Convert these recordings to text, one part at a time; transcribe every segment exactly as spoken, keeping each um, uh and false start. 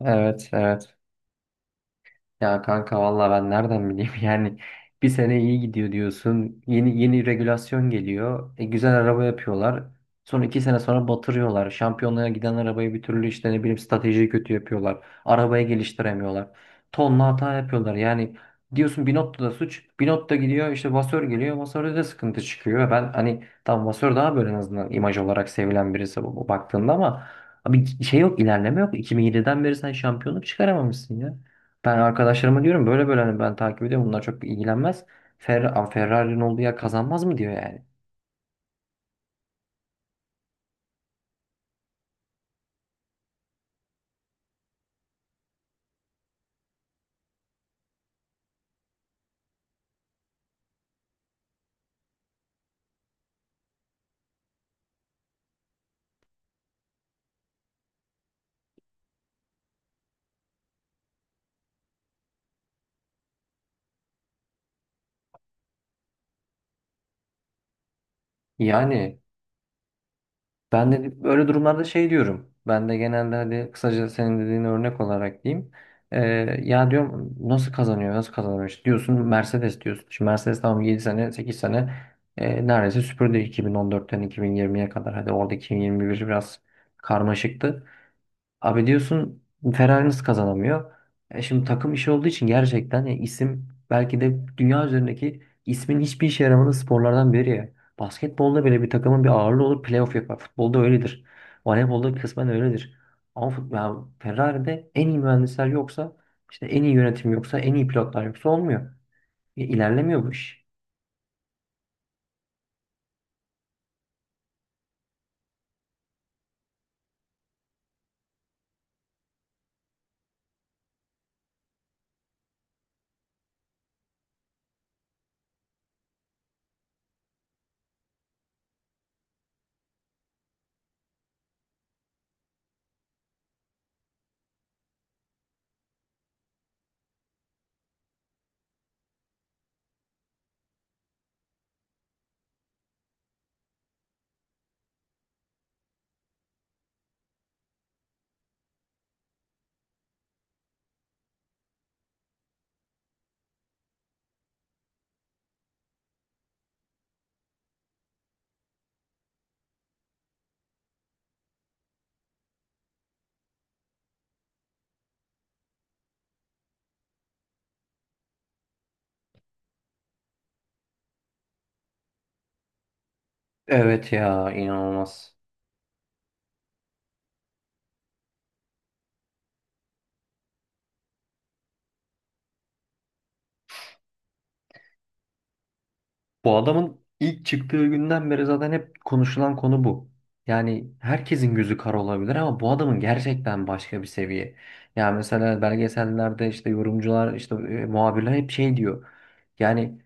Evet, evet. Ya kanka valla ben nereden bileyim yani bir sene iyi gidiyor diyorsun yeni yeni regülasyon geliyor e, güzel araba yapıyorlar sonra iki sene sonra batırıyorlar şampiyonluğa giden arabayı bir türlü işte ne bileyim stratejiyi kötü yapıyorlar arabayı geliştiremiyorlar tonla hata yapıyorlar yani diyorsun Binotto da suç, Binotto da gidiyor işte Vasör geliyor, Vasör'de de sıkıntı çıkıyor. Ben hani tam Vasör daha böyle en azından imaj olarak sevilen birisi bu, bu baktığında ama abi şey yok, ilerleme yok, iki bin yedinden beri sen şampiyonluk çıkaramamışsın ya. Ben arkadaşlarıma diyorum böyle böyle, hani ben takip ediyorum, bunlar çok ilgilenmez. Ferrari, Ferrari'nin olduğu yer kazanmaz mı diyor yani. Yani ben de böyle durumlarda şey diyorum. Ben de genelde hadi kısaca senin dediğin örnek olarak diyeyim. Ee, ya diyorum nasıl kazanıyor, nasıl kazanıyor, işte diyorsun Mercedes diyorsun. Şimdi Mercedes tamam, yedi sene sekiz sene e, neredeyse süpürdü iki bin on dörtten iki bin yirmiye kadar. Hadi orada iki bin yirmi bir biraz karmaşıktı. Abi diyorsun Ferrari nasıl kazanamıyor? E şimdi takım işi olduğu için gerçekten ya isim belki de dünya üzerindeki ismin hiçbir işe yaramadığı sporlardan biri ya. Basketbolda bile bir takımın bir ağırlığı olur, playoff yapar. Futbolda öyledir. Voleybolda kısmen öyledir. Ama fut- ya Ferrari'de en iyi mühendisler yoksa, işte en iyi yönetim yoksa, en iyi pilotlar yoksa olmuyor. Ya İlerlemiyor bu iş. Evet ya, inanılmaz. Bu adamın ilk çıktığı günden beri zaten hep konuşulan konu bu. Yani herkesin gözü kara olabilir ama bu adamın gerçekten başka bir seviye. Yani mesela belgesellerde işte yorumcular, işte e, muhabirler hep şey diyor. Yani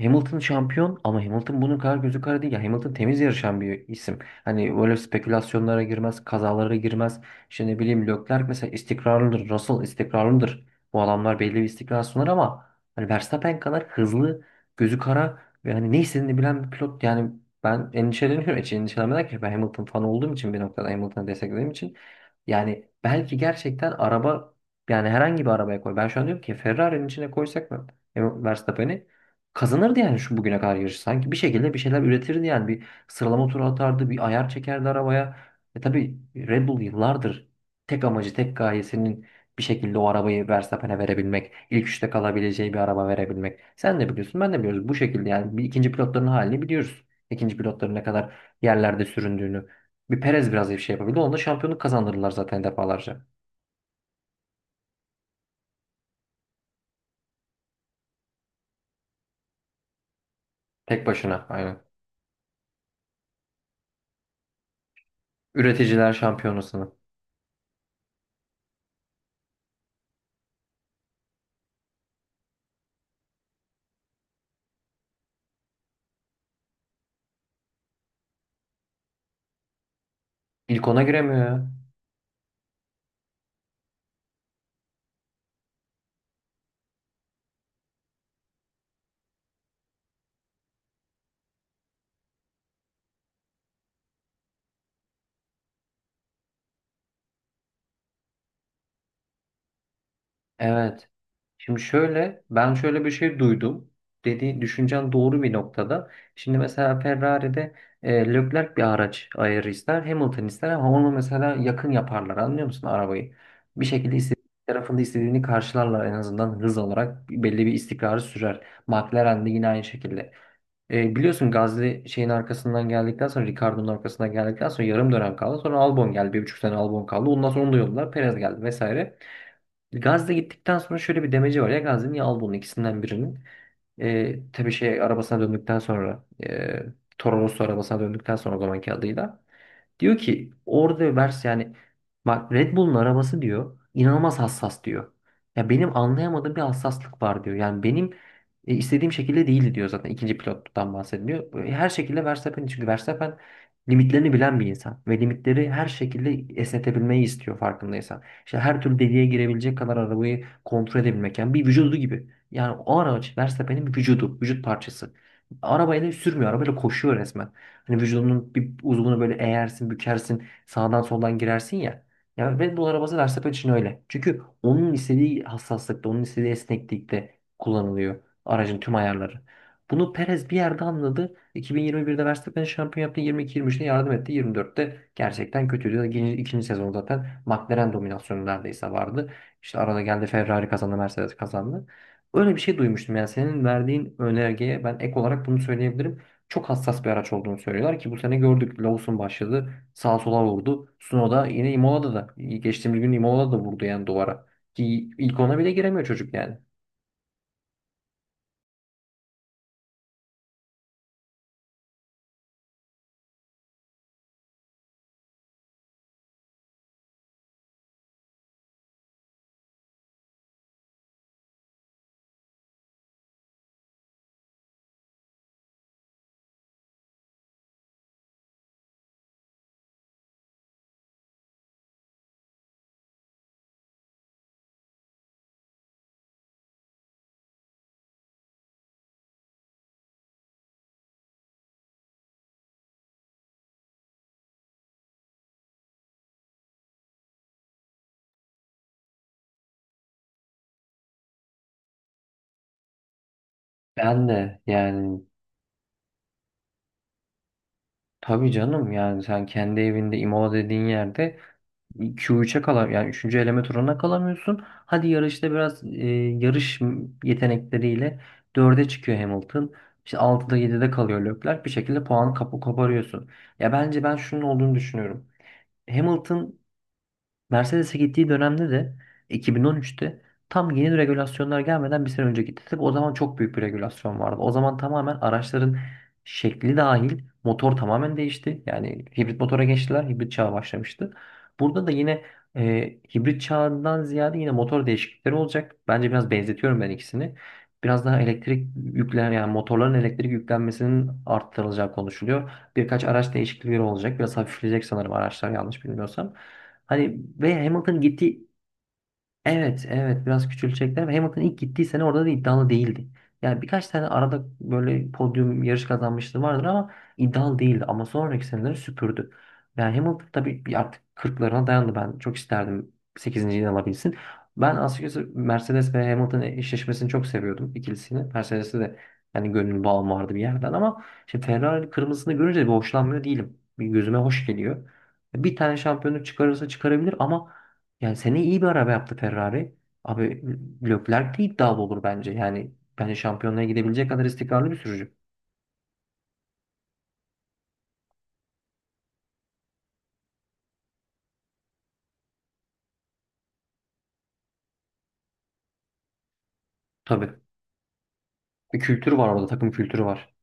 Hamilton şampiyon ama Hamilton bunun kadar gözü kara değil. Ya Hamilton temiz yarışan bir isim. Hani öyle spekülasyonlara girmez, kazalara girmez. İşte ne bileyim Leclerc mesela istikrarlıdır, Russell istikrarlıdır. Bu adamlar belli bir istikrar sunar ama hani Verstappen kadar hızlı, gözü kara ve hani ne istediğini bilen bir pilot yani ben endişeleniyorum. Hiç endişelenmeden ki ben Hamilton fanı olduğum için, bir noktada Hamilton'ı desteklediğim için, yani belki gerçekten araba, yani herhangi bir arabaya koy. Ben şu an diyorum ki Ferrari'nin içine koysak mı Hem- Verstappen'i, kazanırdı yani şu bugüne kadar yarışı. Sanki bir şekilde bir şeyler üretirdi yani, bir sıralama turu atardı, bir ayar çekerdi arabaya. E tabii Red Bull yıllardır tek amacı, tek gayesinin bir şekilde o arabayı Verstappen'e verebilmek, ilk üçte kalabileceği bir araba verebilmek. Sen de biliyorsun, ben de biliyoruz. Bu şekilde yani bir ikinci pilotların halini biliyoruz. İkinci pilotların ne kadar yerlerde süründüğünü. Bir Perez biraz bir şey yapabildi. Onda şampiyonluk kazandırırlar zaten defalarca. Tek başına aynen. Üreticiler şampiyonasını. İlk ona giremiyor ya. Evet. Şimdi şöyle, ben şöyle bir şey duydum. Dediğin düşüncen doğru bir noktada. Şimdi mesela Ferrari'de e, Leclerc bir araç ayarı ister, Hamilton ister ama onu mesela yakın yaparlar. Anlıyor musun arabayı? Bir şekilde istediği tarafında istediğini karşılarlar, en azından hız olarak belli bir istikrarı sürer. McLaren de yine aynı şekilde. E, biliyorsun Gasly şeyin arkasından geldikten sonra, Ricardo'nun arkasından geldikten sonra yarım dönem kaldı. Sonra Albon geldi. Bir buçuk sene Albon kaldı. Ondan sonra onu da yolladılar. Perez geldi vesaire. Gazze gittikten sonra şöyle bir demeci var ya Gazze'nin ya Albon'un, ikisinden birinin. E, tabii şey arabasına döndükten sonra, e, Toro Rosso arabasına döndükten sonra, o zamanki adıyla. Diyor ki orada vers, yani bak, Red Bull'un arabası diyor inanılmaz hassas diyor. Ya benim anlayamadığım bir hassaslık var diyor. Yani benim e, istediğim şekilde değildi diyor, zaten ikinci pilottan bahsediyor. E, Her şekilde Verstappen, çünkü Verstappen limitlerini bilen bir insan ve limitleri her şekilde esnetebilmeyi istiyor, farkındaysan. İşte her türlü deliğe girebilecek kadar arabayı kontrol edebilmek, yani bir vücudu gibi. Yani o araç Verstappen'in bir vücudu, vücut parçası. Arabayla sürmüyor, arabayla koşuyor resmen. Hani vücudunun bir uzvunu böyle eğersin, bükersin, sağdan soldan girersin ya. Ya Red Bull arabası Verstappen için öyle. Çünkü onun istediği hassaslıkta, onun istediği esneklikte kullanılıyor aracın tüm ayarları. Bunu Perez bir yerde anladı. iki bin yirmi birde Verstappen şampiyon yaptı. yirmi iki, yirmi üçte yardım etti. yirmi dörtte gerçekten kötüydü. İkinci, ikinci sezon zaten McLaren dominasyonu neredeyse vardı. İşte arada geldi, Ferrari kazandı, Mercedes kazandı. Öyle bir şey duymuştum. Yani senin verdiğin önergeye ben ek olarak bunu söyleyebilirim, çok hassas bir araç olduğunu söylüyorlar, ki bu sene gördük. Lawson başladı. Sağa sola vurdu. Sunoda yine Imola'da da. Geçtiğimiz gün Imola'da da vurdu yani duvara. Ki ilk ona bile giremiyor çocuk yani. Ben de yani, tabii canım, yani sen kendi evinde Imola dediğin yerde kü üçe kalam, yani üçüncü eleme turuna kalamıyorsun. Hadi yarışta biraz e, yarış yetenekleriyle dörde çıkıyor Hamilton. İşte altıda yedide kalıyor Leclerc. Bir şekilde puanı kapı koparıyorsun. Ya bence ben şunun olduğunu düşünüyorum. Hamilton Mercedes'e gittiği dönemde de, iki bin on üçte, tam yeni regülasyonlar gelmeden bir sene önce gitti. Tabii o zaman çok büyük bir regülasyon vardı. O zaman tamamen araçların şekli dahil motor tamamen değişti. Yani hibrit motora geçtiler. Hibrit çağı başlamıştı. Burada da yine e, hibrit çağından ziyade yine motor değişiklikleri olacak. Bence biraz benzetiyorum ben ikisini. Biraz daha elektrik yüklen, yani motorların elektrik yüklenmesinin arttırılacağı konuşuluyor. Birkaç araç değişiklikleri olacak. Biraz hafifleyecek sanırım araçlar, yanlış bilmiyorsam. Hani ve Hamilton gitti. Evet, evet biraz küçülecekler. Ama Hamilton ilk gittiği sene orada da iddialı değildi. Yani birkaç tane arada böyle podyum, yarış kazanmışlığı vardır ama iddialı değildi. Ama sonraki seneleri süpürdü. Yani Hamilton tabii bir artık kırklarına dayandı. Ben çok isterdim sekizinciyi alabilsin. Ben açıkçası Mercedes ve Hamilton eşleşmesini çok seviyordum, ikilisini. Mercedes'e de yani gönül bağım vardı bir yerden ama şimdi Ferrari kırmızısını görünce bir hoşlanmıyor değilim. Bir gözüme hoş geliyor. Bir tane şampiyonluk çıkarırsa çıkarabilir ama yani seneye iyi bir araba yaptı Ferrari. Abi Leclerc de iddialı olur bence. Yani bence şampiyonluğa gidebilecek kadar istikrarlı bir sürücü. Tabii. Bir kültür var orada. Takım kültürü var.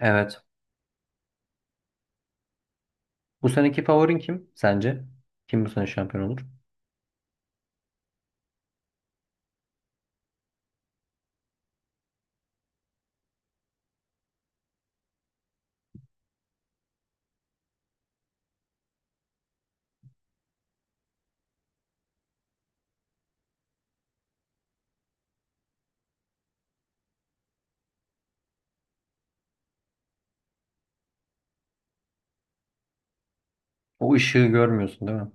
Evet. Bu seneki favorin kim sence? Kim bu sene şampiyon olur? O ışığı görmüyorsun değil mi?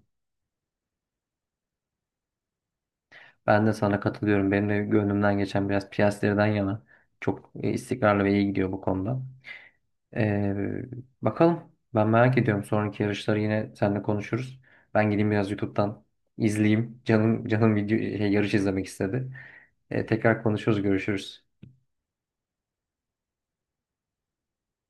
Ben de sana katılıyorum. Benim de gönlümden geçen biraz Piastri'den yana. Çok e, istikrarlı ve iyi gidiyor bu konuda. Ee, bakalım. Ben merak ediyorum. Sonraki yarışları yine seninle konuşuruz. Ben gideyim biraz YouTube'dan izleyeyim. Canım canım video şey, yarış izlemek istedi. Ee, tekrar konuşuruz, görüşürüz.